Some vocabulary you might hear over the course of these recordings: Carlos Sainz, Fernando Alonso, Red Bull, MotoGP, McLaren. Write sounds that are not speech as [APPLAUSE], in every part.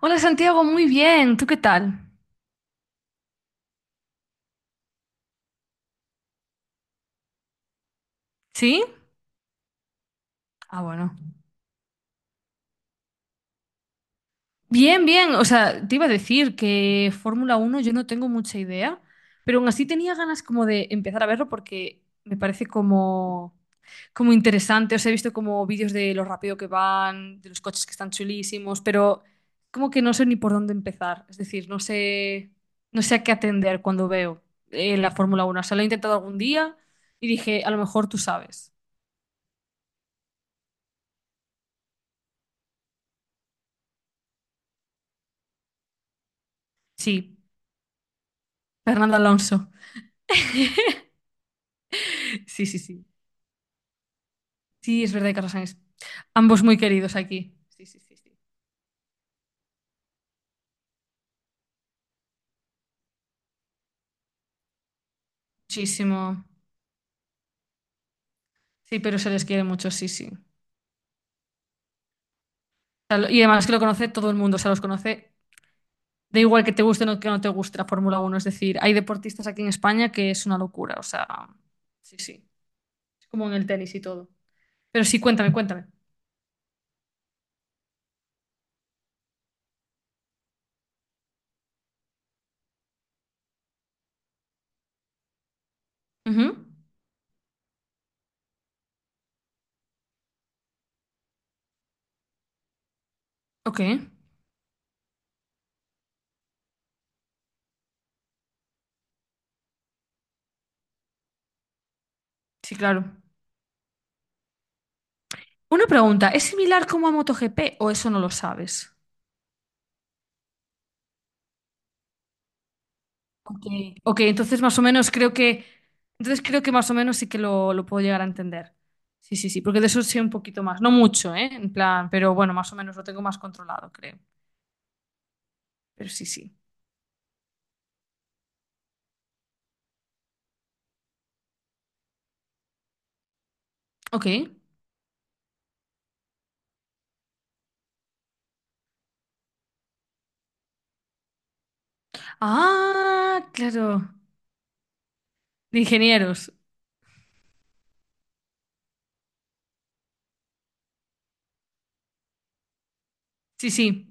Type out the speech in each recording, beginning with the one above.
Hola Santiago, muy bien. ¿Tú qué tal? ¿Sí? Ah, bueno. Bien, bien. O sea, te iba a decir que Fórmula Uno yo no tengo mucha idea, pero aún así tenía ganas como de empezar a verlo porque me parece como interesante. O sea, he visto como vídeos de lo rápido que van, de los coches que están chulísimos, pero como que no sé ni por dónde empezar. Es decir, no sé a qué atender cuando veo la Fórmula Uno. O sea, lo he intentado algún día y dije, a lo mejor tú sabes. Sí, Fernando Alonso. Sí, sí, sí. Sí, es verdad, y Carlos Sainz. Ambos muy queridos aquí. Sí, sí, sí, sí. Muchísimo. Sí, pero se les quiere mucho, sí, sí. O sea, y además que lo conoce todo el mundo, o sea, los conoce. Da igual que te guste o no, que no te guste la Fórmula Uno. Es decir, hay deportistas aquí en España que es una locura, o sea, sí, sí. Es como en el tenis y todo. Pero sí, cuéntame, cuéntame. Ujú. Ok, sí, claro. Una pregunta, ¿es similar como a MotoGP o eso no lo sabes? Ok, ok, entonces creo que más o menos sí que lo puedo llegar a entender. Sí, sí, sí, porque de eso sé un poquito más, no mucho, ¿eh? En plan, pero bueno, más o menos lo tengo más controlado, creo. Pero sí, sí. Ok. Ah, claro. De ingenieros. Sí, sí.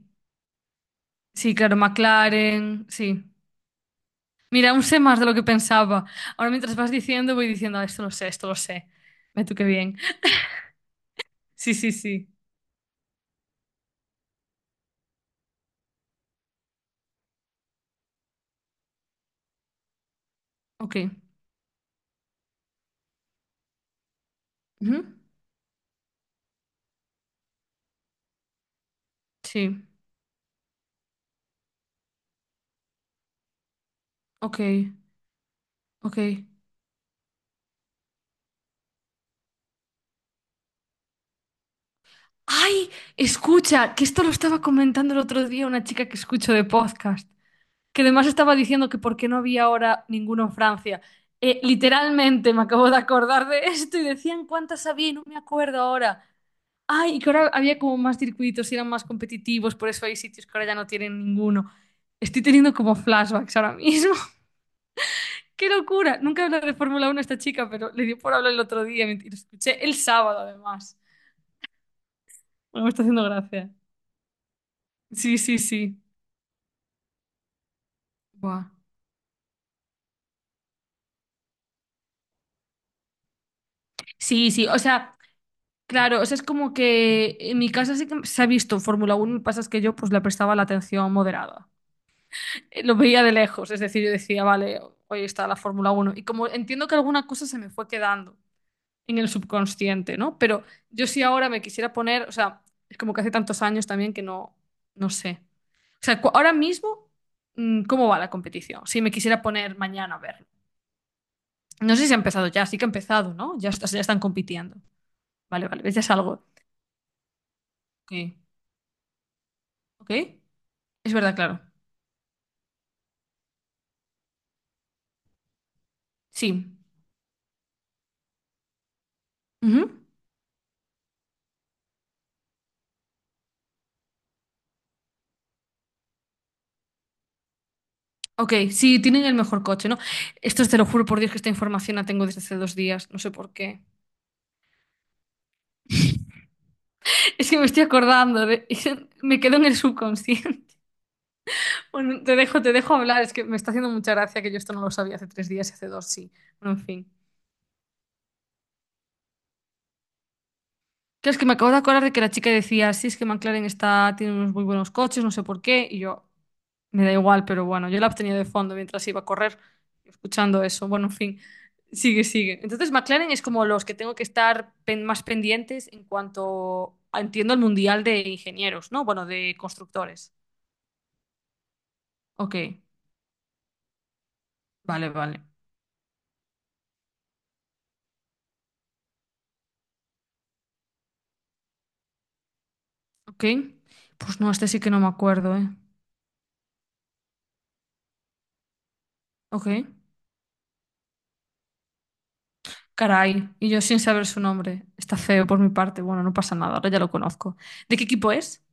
Sí, claro, McLaren, sí. Mira, aún sé más de lo que pensaba. Ahora mientras vas diciendo, voy diciendo, "Ah, esto lo sé, esto lo sé. Ve tú qué bien." [LAUGHS] Sí, sí, sí. Ok. Ujú. Sí. Ok. Ok. Ay, escucha, que esto lo estaba comentando el otro día una chica que escucho de podcast, que además estaba diciendo que por qué no había ahora ninguno en Francia. Literalmente me acabo de acordar de esto y decían cuántas había y no me acuerdo ahora. Ay, y que ahora había como más circuitos y eran más competitivos, por eso hay sitios que ahora ya no tienen ninguno. Estoy teniendo como flashbacks ahora mismo. [LAUGHS] ¡Qué locura! Nunca habla de Fórmula 1 esta chica, pero le dio por hablar el otro día, y lo escuché el sábado, además. Bueno, me está haciendo gracia. Sí, sí, sí. Buah. Sí, sí, o sea, claro, o sea, es como que en mi casa sí que se ha visto Fórmula Uno. Lo que pasa es que yo pues le prestaba la atención moderada. Lo veía de lejos, es decir, yo decía, vale, hoy está la Fórmula Uno. Y como entiendo que alguna cosa se me fue quedando en el subconsciente, ¿no? Pero yo sí ahora me quisiera poner, o sea, es como que hace tantos años también que no, no sé. O sea, ahora mismo, ¿cómo va la competición? Si me quisiera poner mañana a verlo. No sé si ha empezado ya, sí que ha empezado, ¿no? Ya, ya están compitiendo. Vale, vale, ves, ya es algo. Ok. Ok, es verdad, claro. Sí. Ujú. Ok, sí, tienen el mejor coche, ¿no? Esto te lo juro por Dios que esta información la tengo desde hace dos días, no sé por qué. [LAUGHS] Es que me estoy acordando, [LAUGHS] me quedo en el subconsciente. [LAUGHS] Bueno, te dejo hablar, es que me está haciendo mucha gracia que yo esto no lo sabía hace tres días y hace dos, sí. Bueno, en fin. Claro, es que me acabo de acordar de que la chica decía, sí, es que McLaren está, tiene unos muy buenos coches, no sé por qué, y yo, me da igual, pero bueno, yo la tenía de fondo mientras iba a correr, escuchando eso. Bueno, en fin, sigue, sigue. Entonces, McLaren es como los que tengo que estar más pendientes en cuanto, entiendo, el mundial de ingenieros, ¿no? Bueno, de constructores. Ok, vale, vale. Ok, pues no, este sí que no me acuerdo, ¿eh? Ok. Caray, y yo sin saber su nombre. Está feo por mi parte. Bueno, no pasa nada, ahora ya lo conozco. ¿De qué equipo es?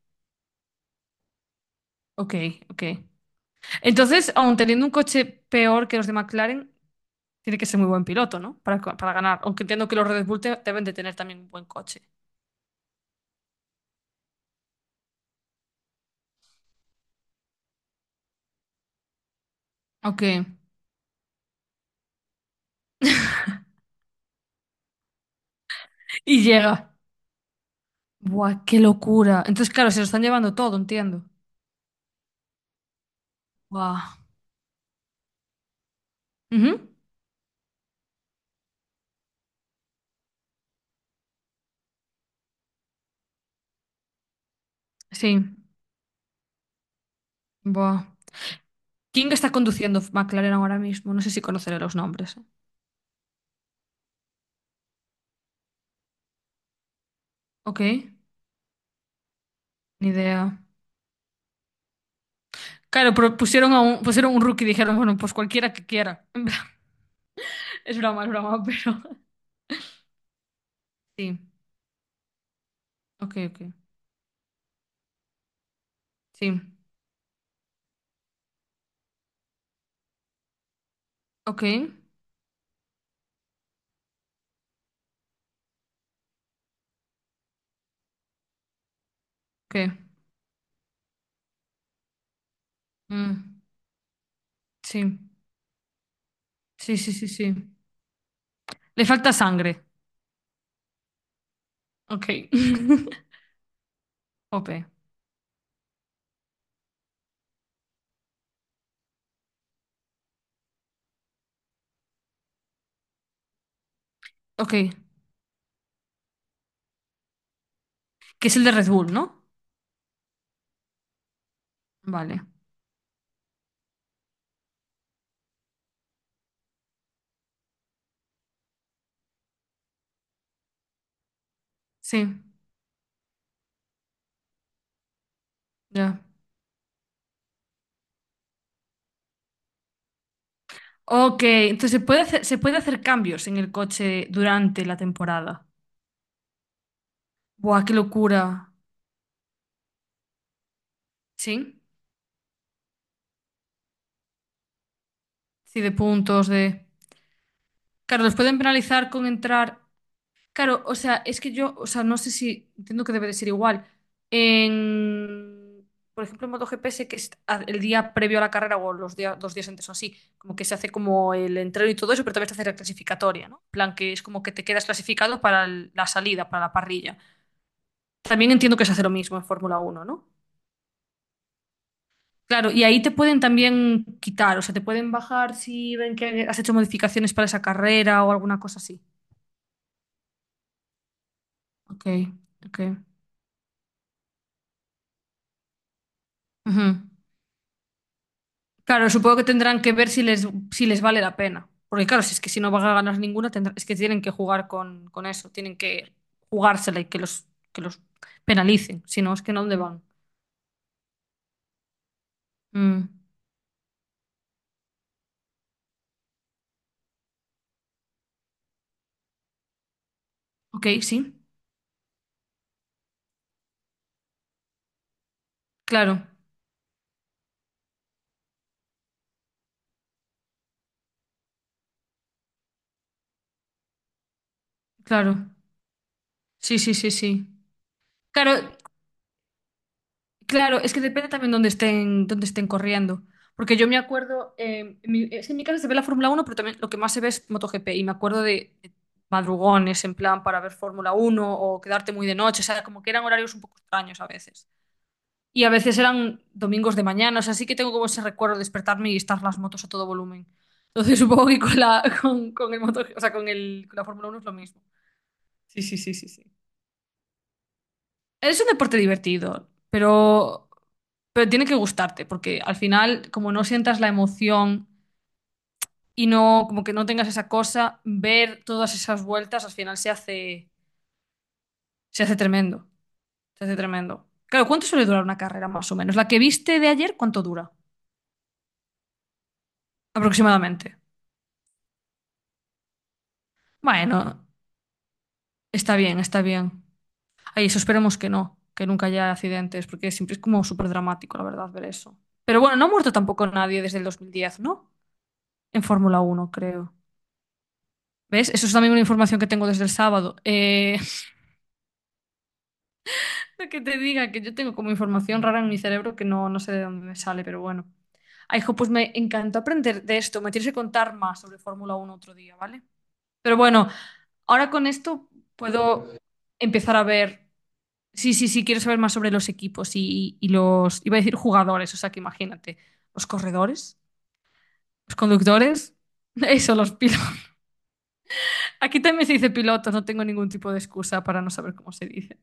Ok, ok. Entonces, aun teniendo un coche peor que los de McLaren, tiene que ser muy buen piloto, ¿no? Para ganar. Aunque entiendo que los Red Bull deben de tener también un buen coche. Ok. Y llega. Buah, qué locura. Entonces, claro, se lo están llevando todo, entiendo. Buah. Ujú. Sí. Buah. ¿Quién está conduciendo McLaren ahora mismo? No sé si conoceré los nombres. ¿Eh? Ok, ni idea. Claro, pero pusieron un rookie y dijeron, bueno, pues cualquiera que quiera. [LAUGHS] En plan, es broma, es broma, pero. Sí. Ok, ok. Sí. Ok. Ok. Mm, sí. Sí, sí, sí, sí. Le falta sangre. Ok. [LAUGHS] OP. Ok. Que es el de Red Bull, ¿no? Vale. Sí. Ya. Ok. Entonces se puede hacer cambios en el coche durante la temporada. Buah, qué locura. Sí. Sí, de puntos, de. Claro, los pueden penalizar con entrar. Claro, o sea, es que yo, o sea, no sé si entiendo que debe de ser igual. En, por ejemplo, en MotoGP sé que es el día previo a la carrera o los días, dos días antes o así, como que se hace como el entreno y todo eso, pero también se hace la clasificatoria, ¿no? En plan, que es como que te quedas clasificado para la salida, para la parrilla. También entiendo que se hace lo mismo en Fórmula Uno, ¿no? Claro, y ahí te pueden también quitar, o sea, te pueden bajar si ven que has hecho modificaciones para esa carrera o alguna cosa así. Ok, ok. Ujú. Claro, supongo que tendrán que ver si les, vale la pena. Porque claro, si es que si no van a ganar ninguna, es que tienen que jugar con eso, tienen que jugársela y que los penalicen. Si no, es que no, ¿dónde van? Mm, ok, sí, claro, claro. Sí, sí, sí, sí. Claro, claro, es que depende también dónde estén corriendo. Porque yo me acuerdo, en es que en mi casa se ve la Fórmula Uno, pero también lo que más se ve es MotoGP. Y me acuerdo de madrugones en plan para ver Fórmula Uno o quedarte muy de noche. O sea, como que eran horarios un poco extraños a veces. Y a veces eran domingos de mañana. O sea, sí que tengo como ese recuerdo de despertarme y estar las motos a todo volumen. Entonces [LAUGHS] supongo que con la, con el moto, o sea, con la Fórmula Uno es lo mismo. Sí, sí, sí, sí, sí. Es un deporte divertido, pero, tiene que gustarte, porque al final, como no sientas la emoción y no, como que no tengas esa cosa, ver todas esas vueltas al final se hace tremendo. Se hace tremendo. Claro, ¿cuánto suele durar una carrera más o menos? ¿La que viste de ayer, cuánto dura? Aproximadamente. Bueno, está bien, está bien. Ay, eso esperemos que no, que nunca haya accidentes, porque siempre es como súper dramático, la verdad, ver eso. Pero bueno, no ha muerto tampoco nadie desde el 2010, ¿no? En Fórmula Uno creo. ¿Ves? Eso es también una información que tengo desde el sábado. [LAUGHS] Que te diga que yo tengo como información rara en mi cerebro que no, no sé de dónde me sale, pero bueno. Ay, hijo, pues me encantó aprender de esto. Me tienes que contar más sobre Fórmula uno otro día, ¿vale? Pero bueno, ahora con esto puedo empezar a ver. Sí, sí, sí, quiero saber más sobre los equipos y, los. Iba a decir jugadores, o sea que imagínate. Los corredores, los conductores, [LAUGHS] eso, los pilotos. Aquí también se dice pilotos, no tengo ningún tipo de excusa para no saber cómo se dice.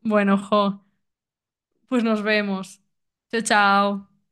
Bueno, jo. Pues nos vemos. Chao, chao.